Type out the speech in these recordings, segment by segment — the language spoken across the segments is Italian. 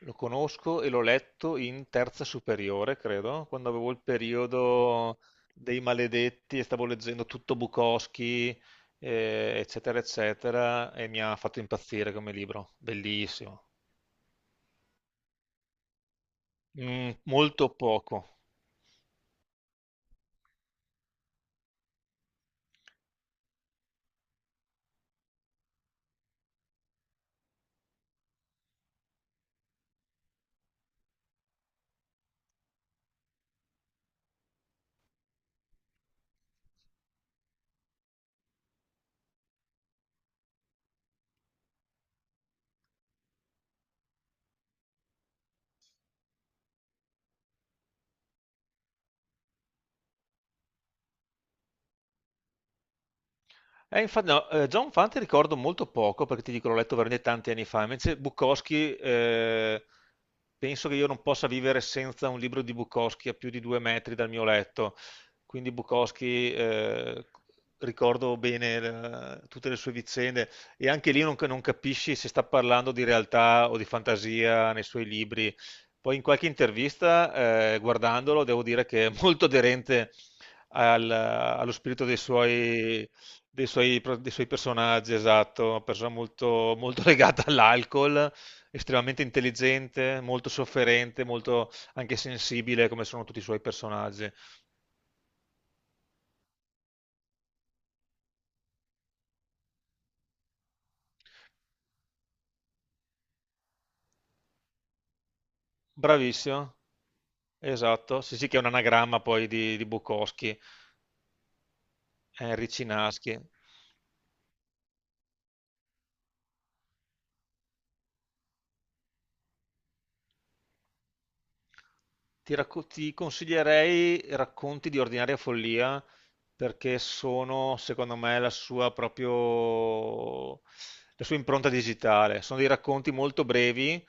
Lo conosco e l'ho letto in terza superiore, credo, quando avevo il periodo dei maledetti e stavo leggendo tutto Bukowski, eccetera, eccetera, e mi ha fatto impazzire come libro. Bellissimo. Mm, molto poco. Infa no, John Fante ricordo molto poco, perché ti dico l'ho letto veramente tanti anni fa. Invece Bukowski, penso che io non possa vivere senza un libro di Bukowski a più di 2 metri dal mio letto, quindi Bukowski, ricordo bene l tutte le sue vicende, e anche lì non capisci se sta parlando di realtà o di fantasia nei suoi libri. Poi in qualche intervista, guardandolo, devo dire che è molto aderente allo spirito dei suoi, dei suoi personaggi, esatto. Una persona molto, molto legata all'alcol, estremamente intelligente, molto sofferente, molto anche sensibile, come sono tutti i suoi personaggi. Bravissimo, esatto, sì sì, che è un anagramma poi di Bukowski. Henry Cinaschi. Ti consiglierei Racconti di ordinaria follia, perché sono, secondo me, la sua proprio la sua impronta digitale. Sono dei racconti molto brevi,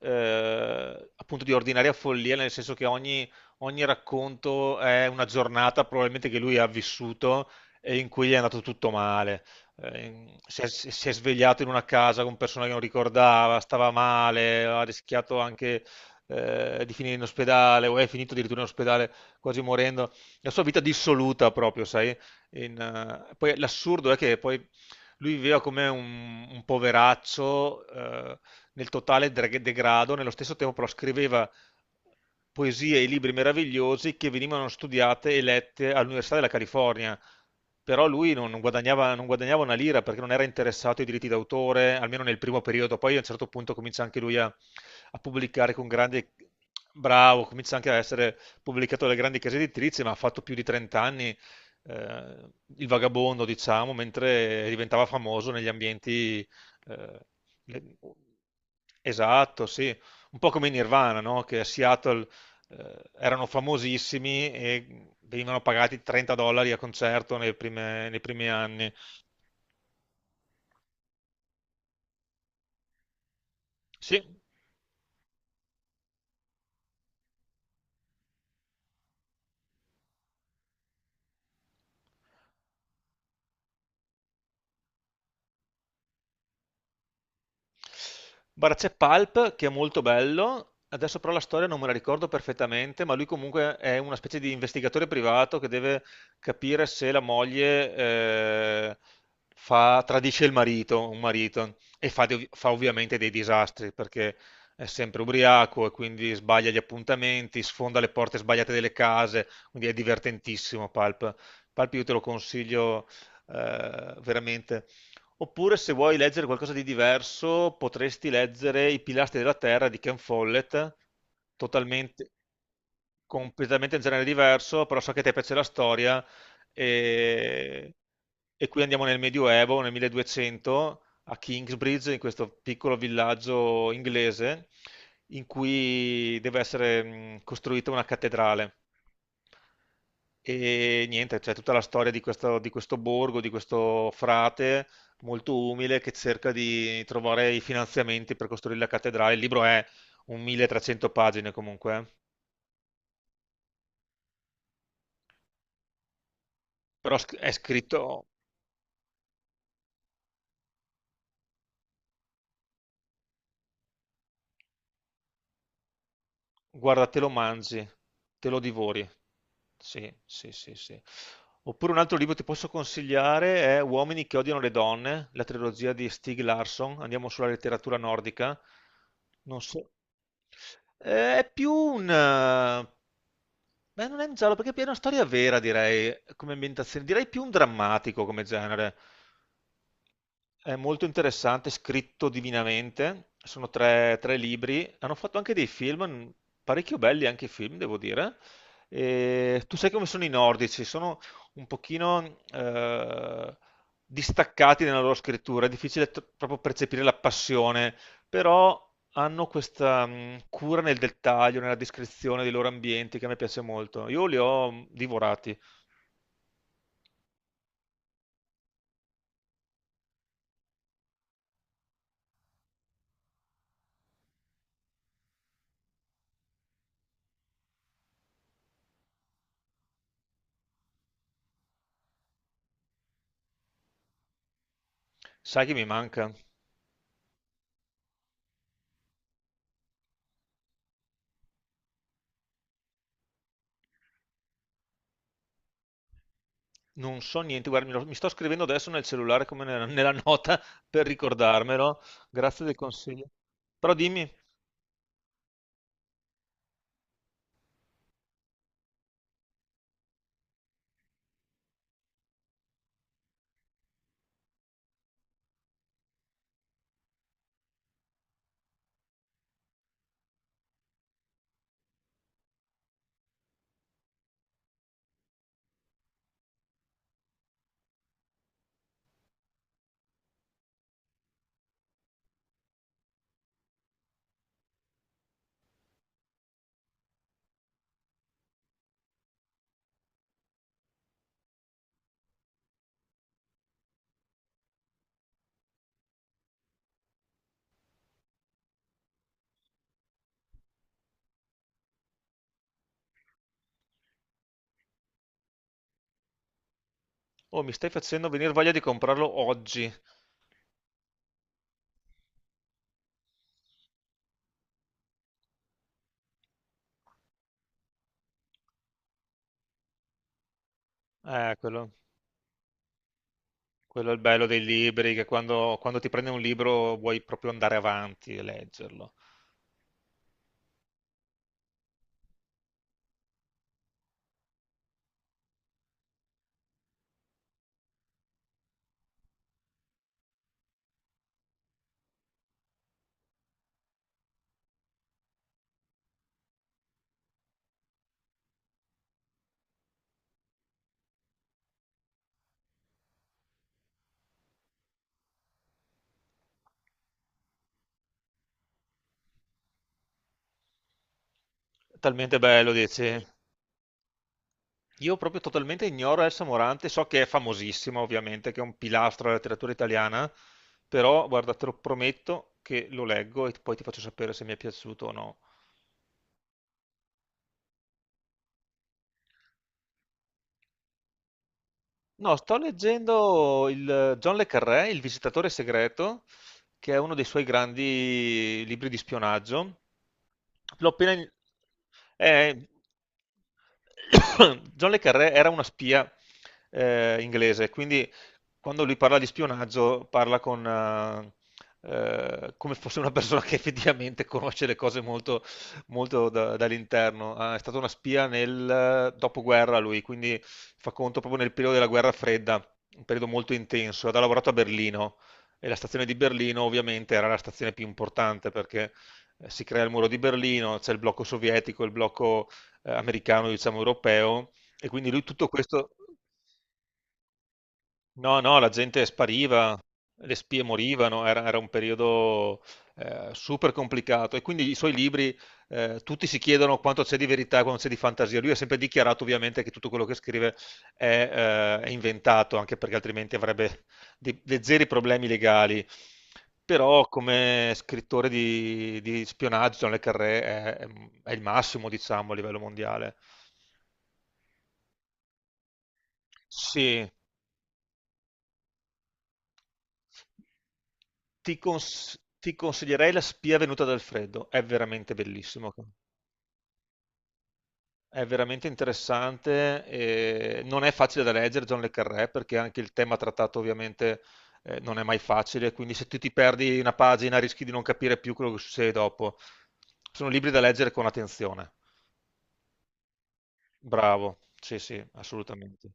appunto di ordinaria follia, nel senso che ogni, ogni racconto è una giornata probabilmente che lui ha vissuto e in cui gli è andato tutto male. Si è svegliato in una casa con persone che non ricordava, stava male, ha rischiato anche di finire in ospedale, o è finito addirittura in ospedale quasi morendo, la sua vita dissoluta proprio, sai? In, Poi l'assurdo è che poi lui viveva come un poveraccio, nel totale degrado. Nello stesso tempo però scriveva poesie e libri meravigliosi che venivano studiate e lette all'Università della California, però lui non, non guadagnava, non guadagnava una lira, perché non era interessato ai diritti d'autore, almeno nel primo periodo. Poi a un certo punto comincia anche lui a, a pubblicare con grande... Bravo, comincia anche a essere pubblicato dalle grandi case editrici, ma ha fatto più di 30 anni eh, il vagabondo, diciamo, mentre diventava famoso negli ambienti... eh, le- Esatto, sì. Un po' come i Nirvana, no? Che a Seattle erano famosissimi e venivano pagati 30 dollari a concerto nei primi anni. Sì. Guarda, c'è Pulp che è molto bello, adesso però la storia non me la ricordo perfettamente, ma lui comunque è una specie di investigatore privato che deve capire se la moglie tradisce il marito, un marito, e fa, fa ovviamente dei disastri, perché è sempre ubriaco e quindi sbaglia gli appuntamenti, sfonda le porte sbagliate delle case, quindi è divertentissimo Pulp. Pulp io te lo consiglio veramente. Oppure se vuoi leggere qualcosa di diverso, potresti leggere I pilastri della terra di Ken Follett, totalmente, completamente un genere diverso, però so che a te piace la storia, e, e qui andiamo nel Medioevo, nel 1200, a Kingsbridge, in questo piccolo villaggio inglese, in cui deve essere costruita una cattedrale. E niente, c'è tutta la storia di questo borgo, di questo frate molto umile che cerca di trovare i finanziamenti per costruire la cattedrale. Il libro è un 1300 pagine comunque, eh. È scritto, guarda, te lo mangi, te lo divori. Sì, sì, sì, sì. Oppure un altro libro che ti posso consigliare è Uomini che odiano le donne, la trilogia di Stieg Larsson. Andiamo sulla letteratura nordica. Non so. È più un... Beh, non è un giallo, perché è una storia vera, direi, come ambientazione. Direi più un drammatico come genere. È molto interessante, scritto divinamente. Sono tre, tre libri. Hanno fatto anche dei film, n- parecchio belli anche i film, devo dire. E tu sai come sono i nordici, sono un pochino distaccati nella loro scrittura, è difficile proprio percepire la passione, però hanno questa cura nel dettaglio, nella descrizione dei loro ambienti, che a me piace molto. Io li ho divorati. Sai che mi manca? Non so niente, guarda, mi, mi sto scrivendo adesso nel cellulare come nella, nella nota per ricordarmelo. Grazie del consiglio. Però dimmi, oh, mi stai facendo venire voglia di comprarlo oggi. Quello, quello è il bello dei libri, che quando, quando ti prendi un libro vuoi proprio andare avanti e leggerlo. È talmente bello, dici. Io proprio totalmente ignoro Elsa Morante, so che è famosissima ovviamente, che è un pilastro della letteratura italiana, però guarda, te lo prometto che lo leggo e poi ti faccio sapere se mi è piaciuto o no. No, sto leggendo il John le Carré, Il visitatore segreto, che è uno dei suoi grandi libri di spionaggio. L'ho appena... in- eh, John le Carré era una spia inglese, quindi quando lui parla di spionaggio parla con, come fosse una persona che effettivamente conosce le cose molto molto dall'interno. Ah, è stata una spia nel dopoguerra lui, quindi fa conto proprio nel periodo della guerra fredda, un periodo molto intenso. Ed ha lavorato a Berlino, e la stazione di Berlino ovviamente era la stazione più importante, perché si crea il muro di Berlino, c'è il blocco sovietico, il blocco americano, diciamo europeo, e quindi lui tutto questo... No, no, la gente spariva, le spie morivano, era, era un periodo super complicato, e quindi i suoi libri, tutti si chiedono quanto c'è di verità e quanto c'è di fantasia. Lui ha sempre dichiarato ovviamente che tutto quello che scrive è inventato, anche perché altrimenti avrebbe zeri problemi legali. Però come scrittore di spionaggio, John le Carré è il massimo, diciamo, a livello mondiale. Sì. Ti consiglierei La spia venuta dal freddo, è veramente bellissimo, è veramente interessante, e non è facile da leggere John le Carré, perché anche il tema trattato ovviamente non è mai facile, quindi se tu ti perdi una pagina rischi di non capire più quello che succede dopo. Sono libri da leggere con attenzione. Bravo, sì sì, assolutamente.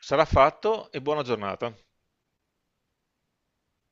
Sarà fatto e buona giornata.